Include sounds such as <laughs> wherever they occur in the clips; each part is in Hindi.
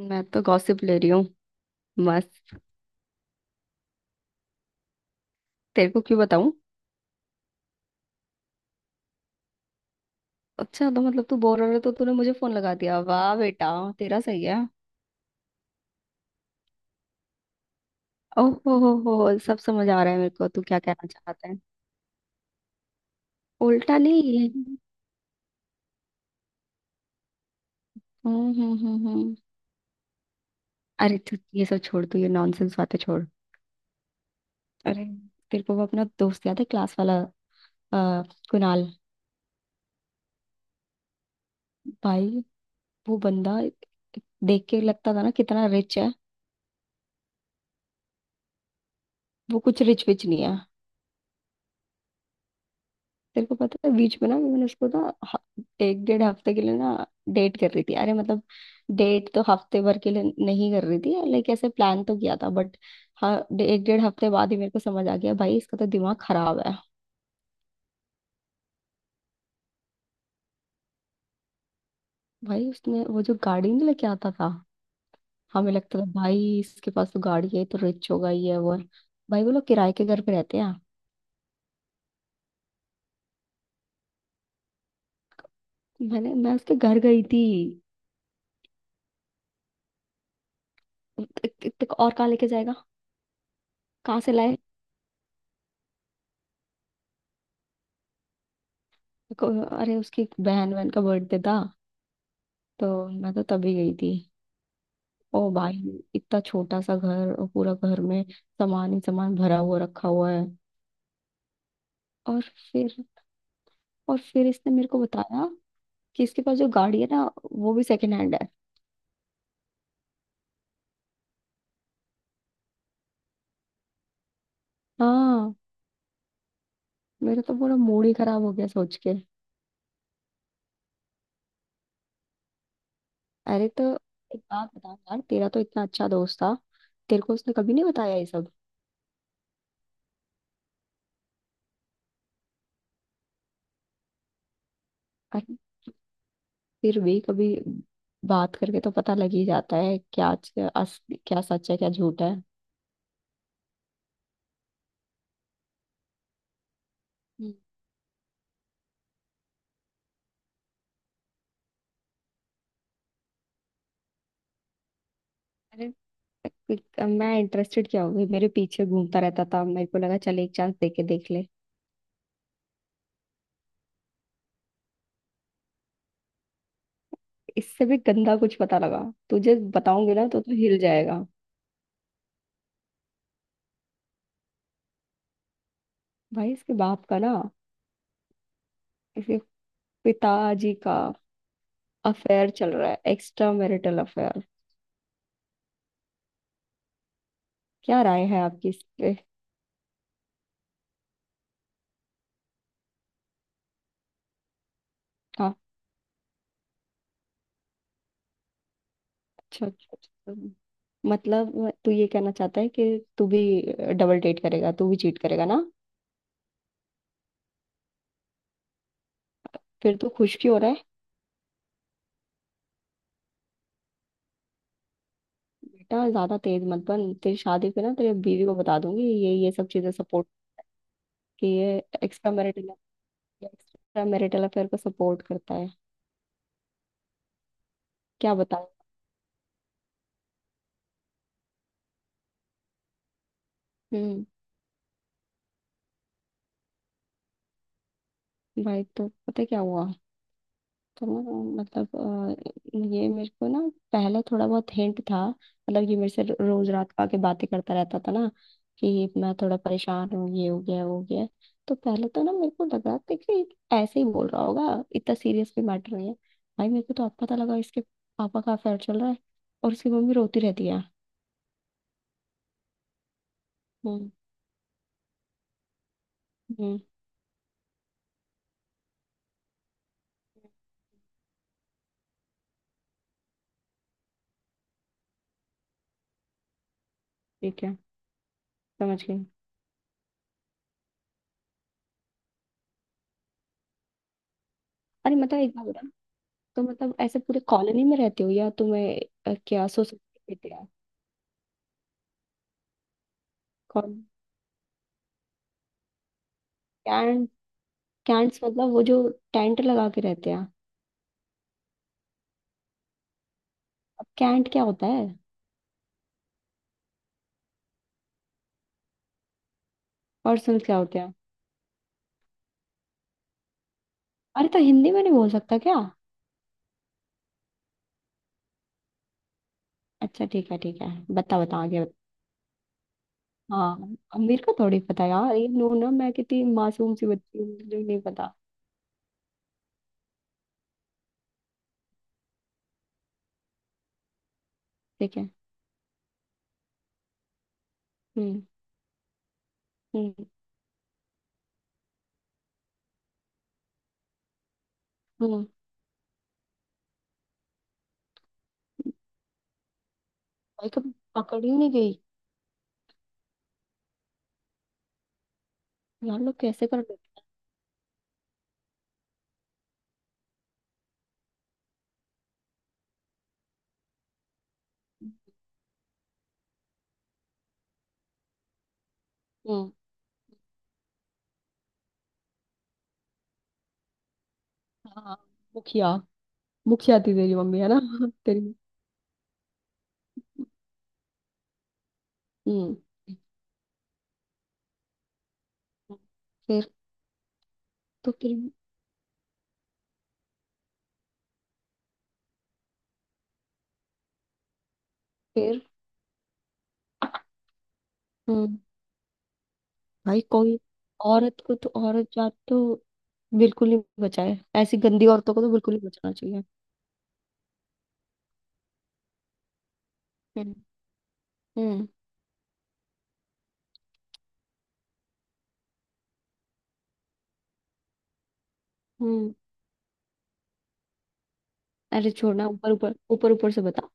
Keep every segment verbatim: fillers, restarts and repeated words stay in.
मैं तो गॉसिप ले रही हूँ। मस्त। तेरे को क्यों बताऊं? अच्छा, तो मतलब तू बोर हो रहा है तो तूने मुझे फोन लगा दिया। वाह बेटा, तेरा सही है। ओह हो हो हो सब समझ आ रहा है मेरे को, तू क्या कहना चाहता है। उल्टा नहीं। हम्म हम्म हम्म हम्म। अरे, तू ये सब छोड़, तू ये नॉनसेंस बातें छोड़। अरे, तेरे को वो अपना दोस्त याद है क्लास वाला, आ, कुणाल? भाई, वो बंदा देख के लगता था ना कितना रिच है। वो कुछ रिच विच नहीं है। तेरे को पता है, बीच में ना मैंने उसको ना ह- एक डेढ़ हफ्ते के लिए ना डेट कर रही थी। अरे मतलब डेट तो हफ्ते भर के लिए नहीं कर रही थी, लाइक ऐसे प्लान तो किया था, बट हाँ, डे- एक डेढ़ हफ्ते बाद ही मेरे को समझ आ गया भाई, इसका तो दिमाग खराब है। भाई उसने वो जो गाड़ी नहीं लेके आता था, हमें लगता था भाई इसके पास तो गाड़ी है, ये तो रिच होगा, ये है, वो है। भाई वो लोग किराए के घर पे रहते हैं। मैंने मैं उसके घर गई थी। त- त- त- और कहाँ लेके जाएगा? कहाँ से लाए? को- अरे, उसकी बहन बहन का बर्थडे था, तो मैं तो तभी गई थी। ओ भाई, इतना छोटा सा घर और पूरा घर में सामान ही सामान भरा हुआ रखा हुआ है। और फिर, और फिर इसने मेरे को बताया कि इसके पास जो गाड़ी है ना, वो भी सेकंड हैंड है। हाँ, मेरा तो पूरा मूड ही खराब हो गया सोच के। अरे तो एक बात बता यार, तेरा तो इतना अच्छा दोस्त था, तेरे को उसने कभी नहीं बताया ये सब? अरे, फिर भी कभी बात करके तो पता लग ही जाता है, क्या क्या अस- क्या सच है क्या झूठ है। हम्म। अरे, पिक- मैं इंटरेस्टेड क्या हो गई, मेरे पीछे घूमता रहता था, मेरे को लगा चल एक चांस दे के देख ले। इससे भी गंदा कुछ पता लगा, तुझे बताऊंगी ना तो तू हिल जाएगा। भाई, इसके बाप का ना, इसके पिताजी का अफेयर चल रहा है, एक्स्ट्रा मैरिटल अफेयर। क्या राय है आपकी इस पे? हाँ। अच्छा अच्छा अच्छा। मतलब तू ये कहना चाहता है कि तू भी डबल डेट करेगा, तू भी चीट करेगा ना? फिर तू खुश क्यों हो रहा है? बेटा, ज्यादा तेज मत बन, तेरी शादी पे ना तेरी बीवी को बता दूंगी ये ये सब चीजें सपोर्ट, कि ये extra marital extra marital affair को सपोर्ट करता है। क्या बताऊं? हम्म। भाई, तो पता है क्या हुआ? तो ना मतलब, अ, ये मेरे को ना पहले थोड़ा बहुत हिंट था, मतलब ये मेरे से रो- रोज रात को आके बातें करता रहता था ना कि मैं थोड़ा परेशान हूँ, ये हो गया वो हो गया। तो पहले तो ना मेरे को लगा था कि ऐसे ही बोल रहा होगा, इतना सीरियस भी मैटर नहीं है। भाई मेरे को तो अब पता लगा इसके पापा का अफेयर चल रहा है, और उसकी मम्मी रोती रहती है। हम्म हम्म। ठीक है। समझ गई। अरे मतलब एक बात बता, तो मतलब ऐसे पूरे कॉलोनी में रहते हो या तुम्हें, अ, क्या सोसाइटी रहते हैं? कौन? कैंट? कैंट्स मतलब वो जो टेंट लगा के रहते हैं? अब कैंट क्या होता है? और सुन, क्या होते हैं? अरे तो हिंदी में नहीं बोल सकता क्या? अच्छा ठीक है ठीक है। बता बता आगे बता। हाँ, अब मेरे को थोड़ी पता यार, ये नो ना मैं कितनी मासूम सी बच्ची हूँ, मुझे नहीं पता। ठीक है। हम्म हम्म हम्म। भाई, कभी पकड़ ही नहीं गई। यार लोग कैसे कर लेते? हैं? हम्म। हाँ। मुखिया। मुखिया थी तेरी मम्मी है ना <laughs> तेरी। हम्म। फिर। तो फिर। फिर। हम्म। भाई कोई औरत को तो, औरत जात तो बिल्कुल नहीं बचाए, ऐसी गंदी औरतों को तो बिल्कुल नहीं बचाना चाहिए। हम्म हम्म हम्म। अरे छोड़ना, ऊपर ऊपर ऊपर ऊपर से बता।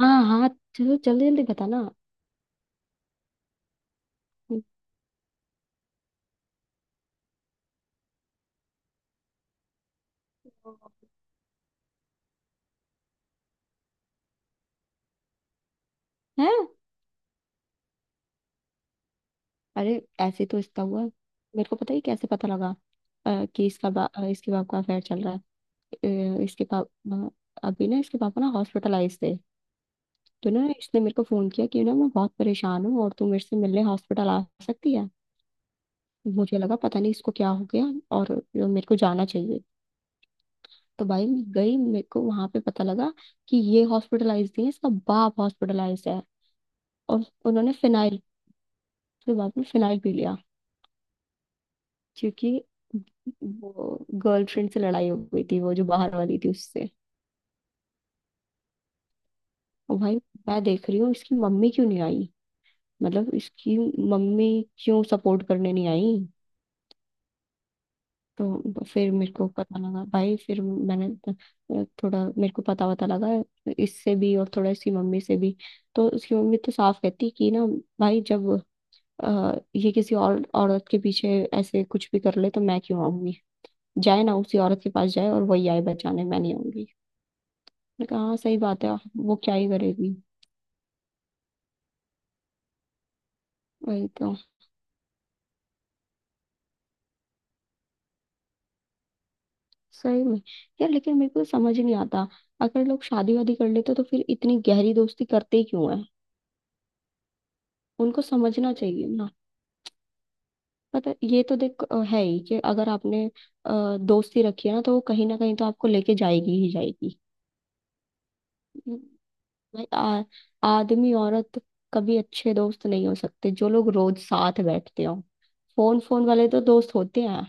हाँ हाँ। चलो जल्दी जल्दी बताना है। अरे ऐसे तो इसका हुआ मेरे को पता, ही कैसे पता लगा। अ, कि इसका बा, अ, इसके बाप का अफेयर चल रहा है। अ, इसके बाप अ, अभी ना इसके पापा ना हॉस्पिटलाइज थे। तो ना इसने मेरे को फोन किया कि ना मैं बहुत परेशान हूँ और तू मेरे से मिलने हॉस्पिटल आ सकती है? मुझे लगा पता नहीं इसको क्या हो गया और मेरे को जाना चाहिए। तो भाई मैं गई, मेरे को वहां पे पता लगा कि ये हॉस्पिटलाइज नहीं है, इसका बाप हॉस्पिटलाइज है। और उन्होंने फिनाइल, उसके बाद में फिनाइल पी लिया, क्योंकि वो गर्लफ्रेंड से लड़ाई हो गई थी, वो जो बाहर वाली थी उससे। और भाई, मैं देख रही हूँ इसकी मम्मी क्यों नहीं आई, मतलब इसकी मम्मी क्यों सपोर्ट करने नहीं आई। तो फिर मेरे को पता लगा भाई, फिर मैंने अ, थोड़ा मेरे को पता वता लगा इससे भी, और थोड़ा इसकी मम्मी से भी। तो उसकी मम्मी तो साफ कहती कि ना भाई, जब अ, ये किसी और औरत के पीछे ऐसे कुछ भी कर ले तो मैं क्यों आऊंगी? जाए ना उसी औरत के पास, जाए और वही आए बचाने, मैं नहीं आऊंगी। मैंने कहा हाँ सही बात है, वो क्या ही करेगी। वही तो। सही में यार, लेकिन मेरे को समझ ही नहीं आता, अगर लोग शादी वादी कर लेते तो फिर इतनी गहरी दोस्ती करते ही क्यों है? उनको समझना चाहिए ना। पता है, ये तो देख अ, है ही कि अगर आपने अ, दोस्ती रखी है ना, तो वो कहीं ना कहीं तो आपको लेके जाएगी ही जाएगी। हम्म। भाई, आ, आदमी औरत कभी अच्छे दोस्त नहीं हो सकते, जो लोग रोज साथ बैठते हो। फोन फोन वाले तो दोस्त होते हैं।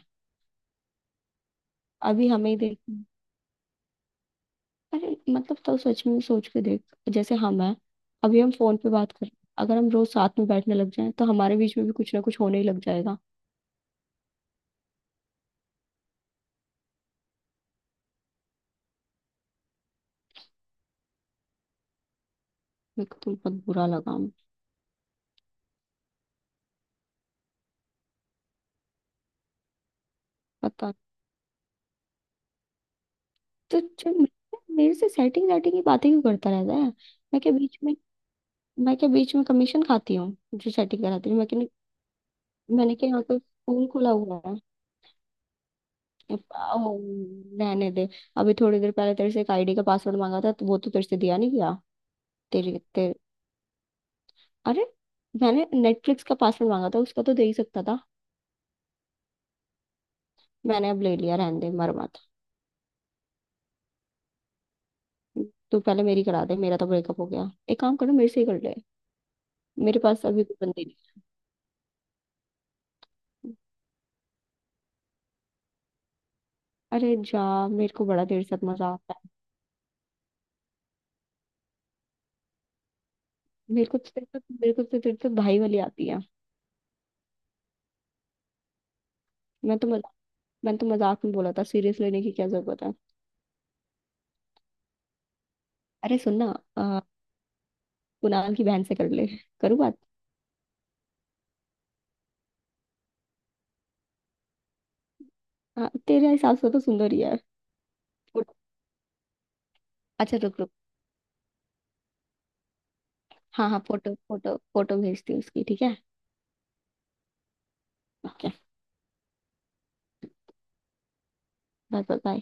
अभी हमें ही देख, अरे मतलब तो सच में सोच के देख, जैसे हम हैं, अभी हम फोन पे बात कर रहे हैं। अगर हम रोज साथ में बैठने लग जाएं तो हमारे बीच में भी कुछ ना कुछ होने ही लग जाएगा। मेरे को तो बहुत बुरा लगा। पता। तो जब मेरे, मेरे से सेटिंग सेटिंग की बातें क्यों करता रहता है? मैं क्या बीच में मैं क्या बीच में कमीशन खाती हूँ जो सेटिंग कराती हूँ, मैं क्या? मैंने क्या यहाँ पे स्कूल खुला हुआ है? ओ, रहने दे। अभी थोड़ी देर पहले तेरे से एक आईडी का पासवर्ड मांगा था तो वो तो तेरे से दिया नहीं गया। तेरे तेरे अरे, मैंने नेटफ्लिक्स का पासवर्ड मांगा था, उसका तो दे ही सकता था। मैंने अब ले लिया, रहने दे, मर मत। तू पहले मेरी करा दे, मेरा तो ब्रेकअप हो गया, एक काम करो मेरे से ही कर ले। मेरे पास अभी कोई बंदी नहीं। अरे जा, मेरे को बड़ा तेरे साथ मजा आता है। मेरे को तो तेरे तो मेरे को तो तेरे तो भाई वाली आती है। मैं तो मजाक मैंने तो मजाक में बोला था, सीरियस लेने की क्या जरूरत है? अरे सुन ना, आ, कुणाल की बहन से कर ले? करूँ बात? हाँ तेरे हिसाब से तो सुंदर ही है। फोटो- अच्छा, रुक रुक। हाँ हाँ, फोटो फोटो फोटो भेजती हूँ उसकी, ठीक है। ओके। Bye bye.